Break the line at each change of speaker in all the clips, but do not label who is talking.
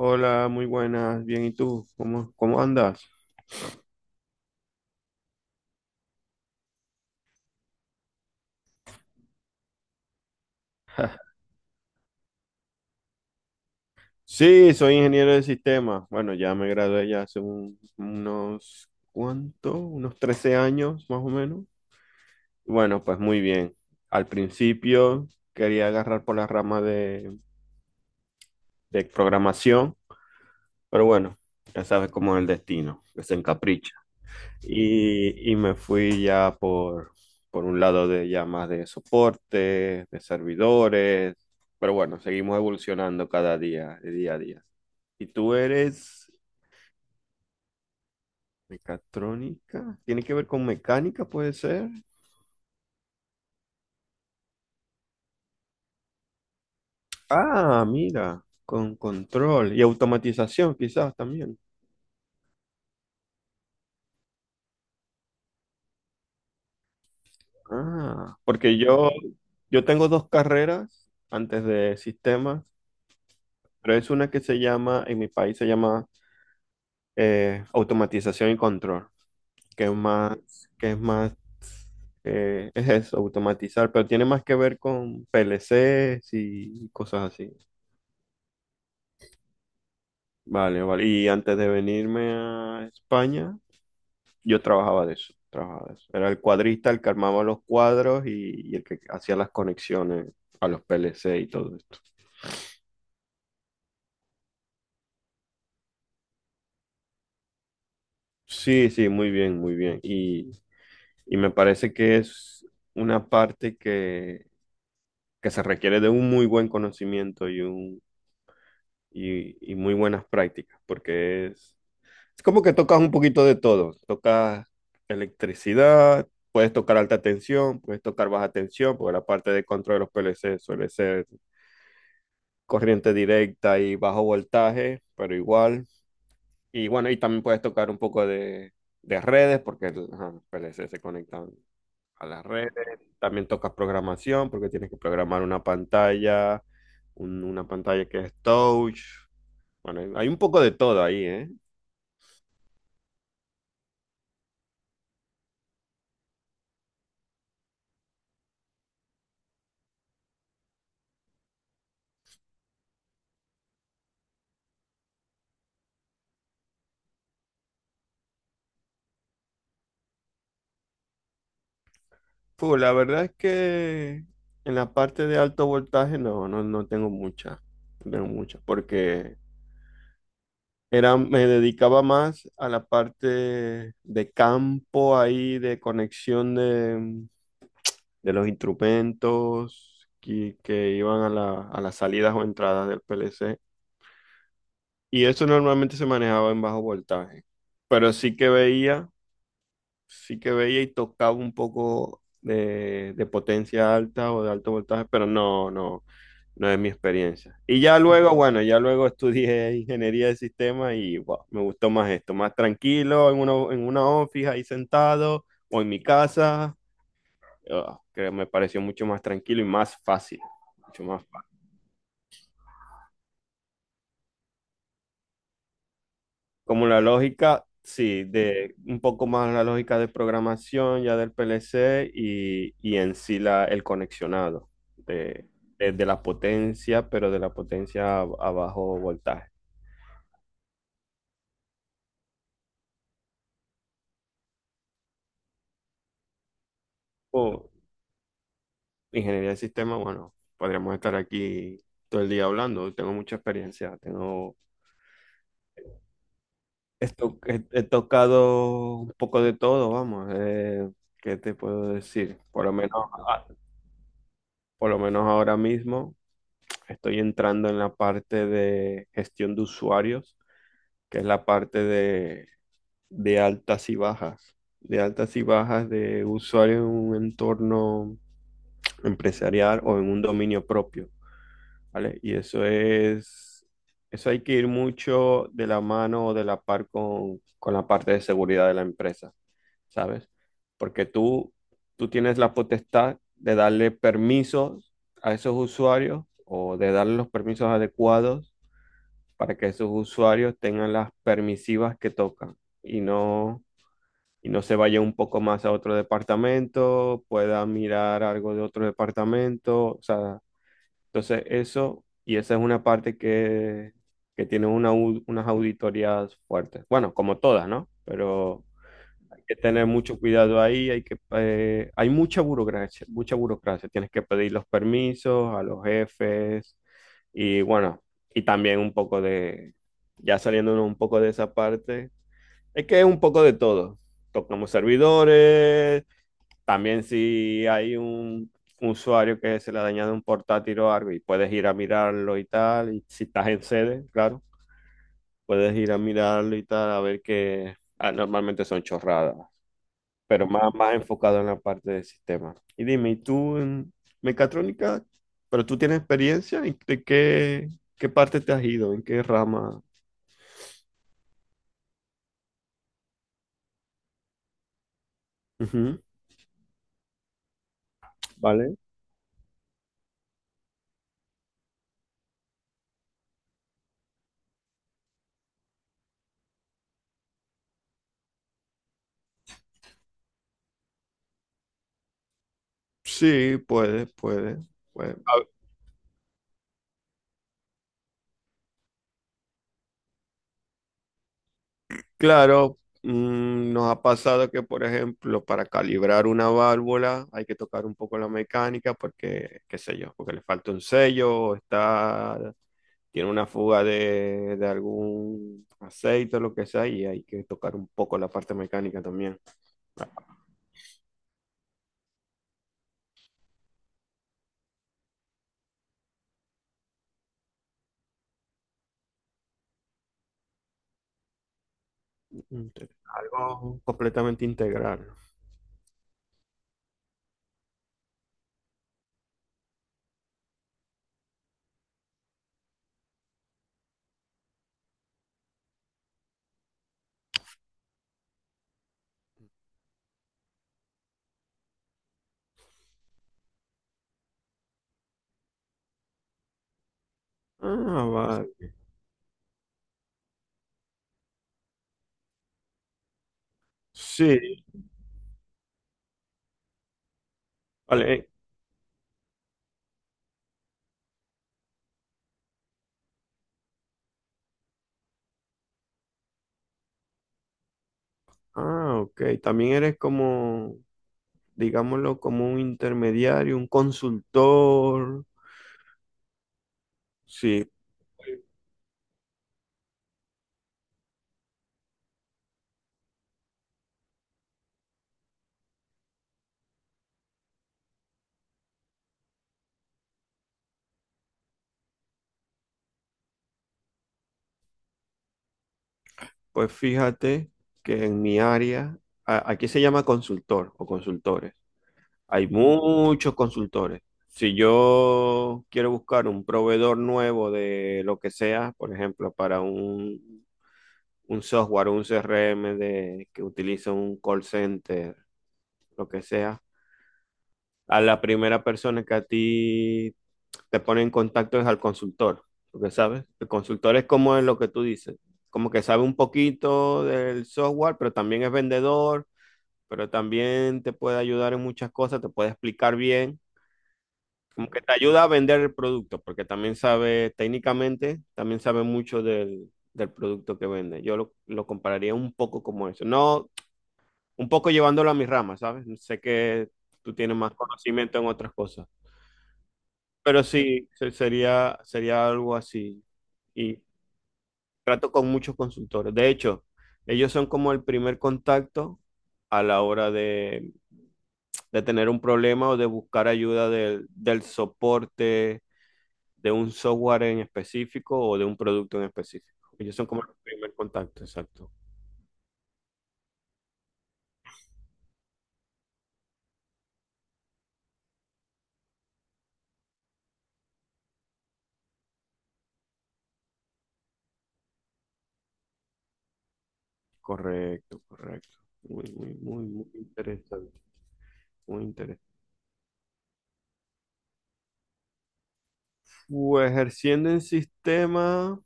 Hola, muy buenas, bien, ¿y tú? ¿Cómo andas? Sí, soy ingeniero de sistemas. Bueno, ya me gradué ya hace unos, ¿cuánto? Unos 13 años, más o menos. Bueno, pues muy bien. Al principio quería agarrar por la rama de programación, pero bueno, ya sabes cómo es el destino, que se encapricha. Y me fui ya por un lado de ya más de soporte, de servidores, pero bueno, seguimos evolucionando cada día, de día a día. ¿Y tú eres mecatrónica? ¿Tiene que ver con mecánica, puede ser? Ah, mira, con control y automatización quizás también. Ah, yo tengo dos carreras antes de sistemas, pero es una que se llama, en mi país se llama automatización y control. que es más, que es más, es eso, automatizar, pero tiene más que ver con PLCs y cosas así. Vale, vale. Y antes de venirme a España, yo trabajaba de eso, trabajaba de eso. Era el cuadrista el que armaba los cuadros y el que hacía las conexiones a los PLC y todo esto. Sí, sí, muy bien, muy bien. Y me parece que es una parte que se requiere de un muy buen conocimiento y muy buenas prácticas, es como que tocas un poquito de todo. Tocas electricidad, puedes tocar alta tensión, puedes tocar baja tensión, porque la parte de control de los PLC suele ser corriente directa y bajo voltaje, pero igual. Y bueno, y también puedes tocar un poco de redes, porque ajá, los PLC se conectan a las redes. También tocas programación, porque tienes que programar una pantalla, una pantalla que es touch, bueno, hay un poco de todo ahí, ¿eh? Pues la verdad es que en la parte de alto voltaje no tengo no tengo mucha, porque era, me dedicaba más a la parte de campo ahí, de conexión de los instrumentos que iban a a las salidas o entradas del PLC. Y eso normalmente se manejaba en bajo voltaje, pero sí que veía y tocaba un poco de potencia alta o de alto voltaje, pero no es mi experiencia. Y ya luego, bueno, ya luego estudié ingeniería de sistemas y wow, me gustó más esto, más tranquilo, en en una office ahí sentado o en mi casa, ah, que me pareció mucho más tranquilo y más fácil, mucho más. Como la lógica, sí, de un poco más la lógica de programación ya del PLC y en sí el conexionado de, de la potencia, pero de la potencia a bajo voltaje. O ingeniería de sistema, bueno, podríamos estar aquí todo el día hablando. Tengo mucha experiencia, tengo, he tocado un poco de todo, vamos. ¿Qué te puedo decir? Por lo menos, ah, por lo menos ahora mismo. Estoy entrando en la parte de gestión de usuarios, que es la parte de altas y bajas, de altas y bajas de usuarios en un entorno empresarial o en un dominio propio, ¿vale? Y eso es, eso hay que ir mucho de la mano o de la par con la parte de seguridad de la empresa, ¿sabes? Porque tú tienes la potestad de darle permisos a esos usuarios o de darle los permisos adecuados para que esos usuarios tengan las permisivas que tocan y no, y no se vaya un poco más a otro departamento, pueda mirar algo de otro departamento. O sea, entonces eso, y esa es una parte que tiene una, unas auditorías fuertes. Bueno, como todas, ¿no? Pero que tener mucho cuidado ahí, hay que, hay mucha burocracia, tienes que pedir los permisos a los jefes y bueno, y también un poco de, ya saliéndonos un poco de esa parte, es que es un poco de todo, tocamos servidores, también si hay un usuario que se le ha dañado un portátil o algo y puedes ir a mirarlo y tal, y si estás en sede, claro, puedes ir a mirarlo y tal, a ver que ah, normalmente son chorradas, pero más, más enfocado en la parte de sistemas. Y dime, ¿y tú en mecatrónica, pero tú tienes experiencia? ¿En de qué, qué parte te has ido? ¿En qué rama? Ujú. ¿Vale? Sí, puede. Claro, nos ha pasado que, por ejemplo, para calibrar una válvula hay que tocar un poco la mecánica porque, qué sé yo, porque le falta un sello, o está, tiene una fuga de algún aceite o lo que sea, y hay que tocar un poco la parte mecánica también. Entonces, algo completamente integral. Ah, vale. Sí, vale. Ah, ok. También eres como, digámoslo, como un intermediario, un consultor. Sí, pues fíjate que en mi área, aquí se llama consultor o consultores. Hay muchos consultores. Si yo quiero buscar un proveedor nuevo de lo que sea, por ejemplo, para un software, un CRM de, que utiliza un call center, lo que sea. A la primera persona que a ti te pone en contacto es al consultor, porque sabes, el consultor es como es lo que tú dices, como que sabe un poquito del software, pero también es vendedor, pero también te puede ayudar en muchas cosas, te puede explicar bien, como que te ayuda a vender el producto, porque también sabe técnicamente, también sabe mucho del producto que vende. Yo lo compararía un poco como eso, no un poco llevándolo a mis ramas, ¿sabes? Sé que tú tienes más conocimiento en otras cosas. Pero sí, sería, sería algo así. Y trato con muchos consultores. De hecho, ellos son como el primer contacto a la hora de tener un problema o de buscar ayuda del soporte de un software en específico o de un producto en específico. Ellos son como el primer contacto, exacto. Correcto, correcto. Muy, muy, muy, muy interesante. Muy interesante. Pues ejerciendo en sistema.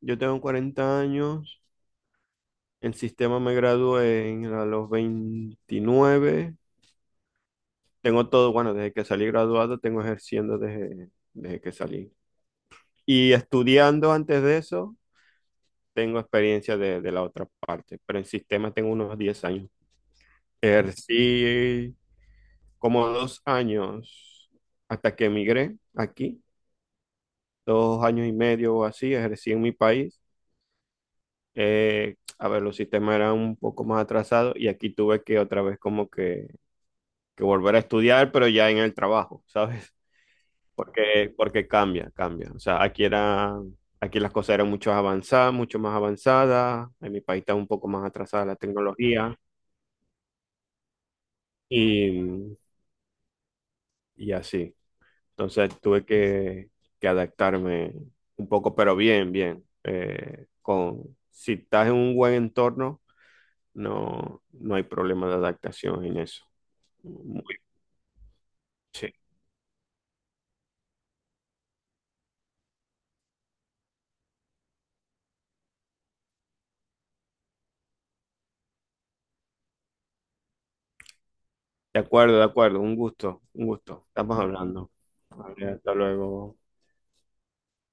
Yo tengo 40 años, en sistema me gradué a los 29. Tengo todo, bueno, desde que salí graduado, tengo ejerciendo desde, desde que salí. Y estudiando antes de eso, tengo experiencia de la otra parte, pero en sistema tengo unos 10 años. Ejercí como dos años hasta que emigré aquí, dos años y medio o así, ejercí en mi país. A ver, los sistemas eran un poco más atrasados y aquí tuve que otra vez como que volver a estudiar, pero ya en el trabajo, ¿sabes? Porque cambia, cambia. O sea, aquí era, aquí las cosas eran mucho avanzadas, mucho más avanzadas. En mi país está un poco más atrasada la tecnología y, y así. Entonces tuve que adaptarme un poco, pero bien, bien. Con, si estás en un buen entorno, no hay problema de adaptación en eso. Muy, sí. De acuerdo, de acuerdo. Un gusto, un gusto. Estamos hablando. Vale, hasta luego.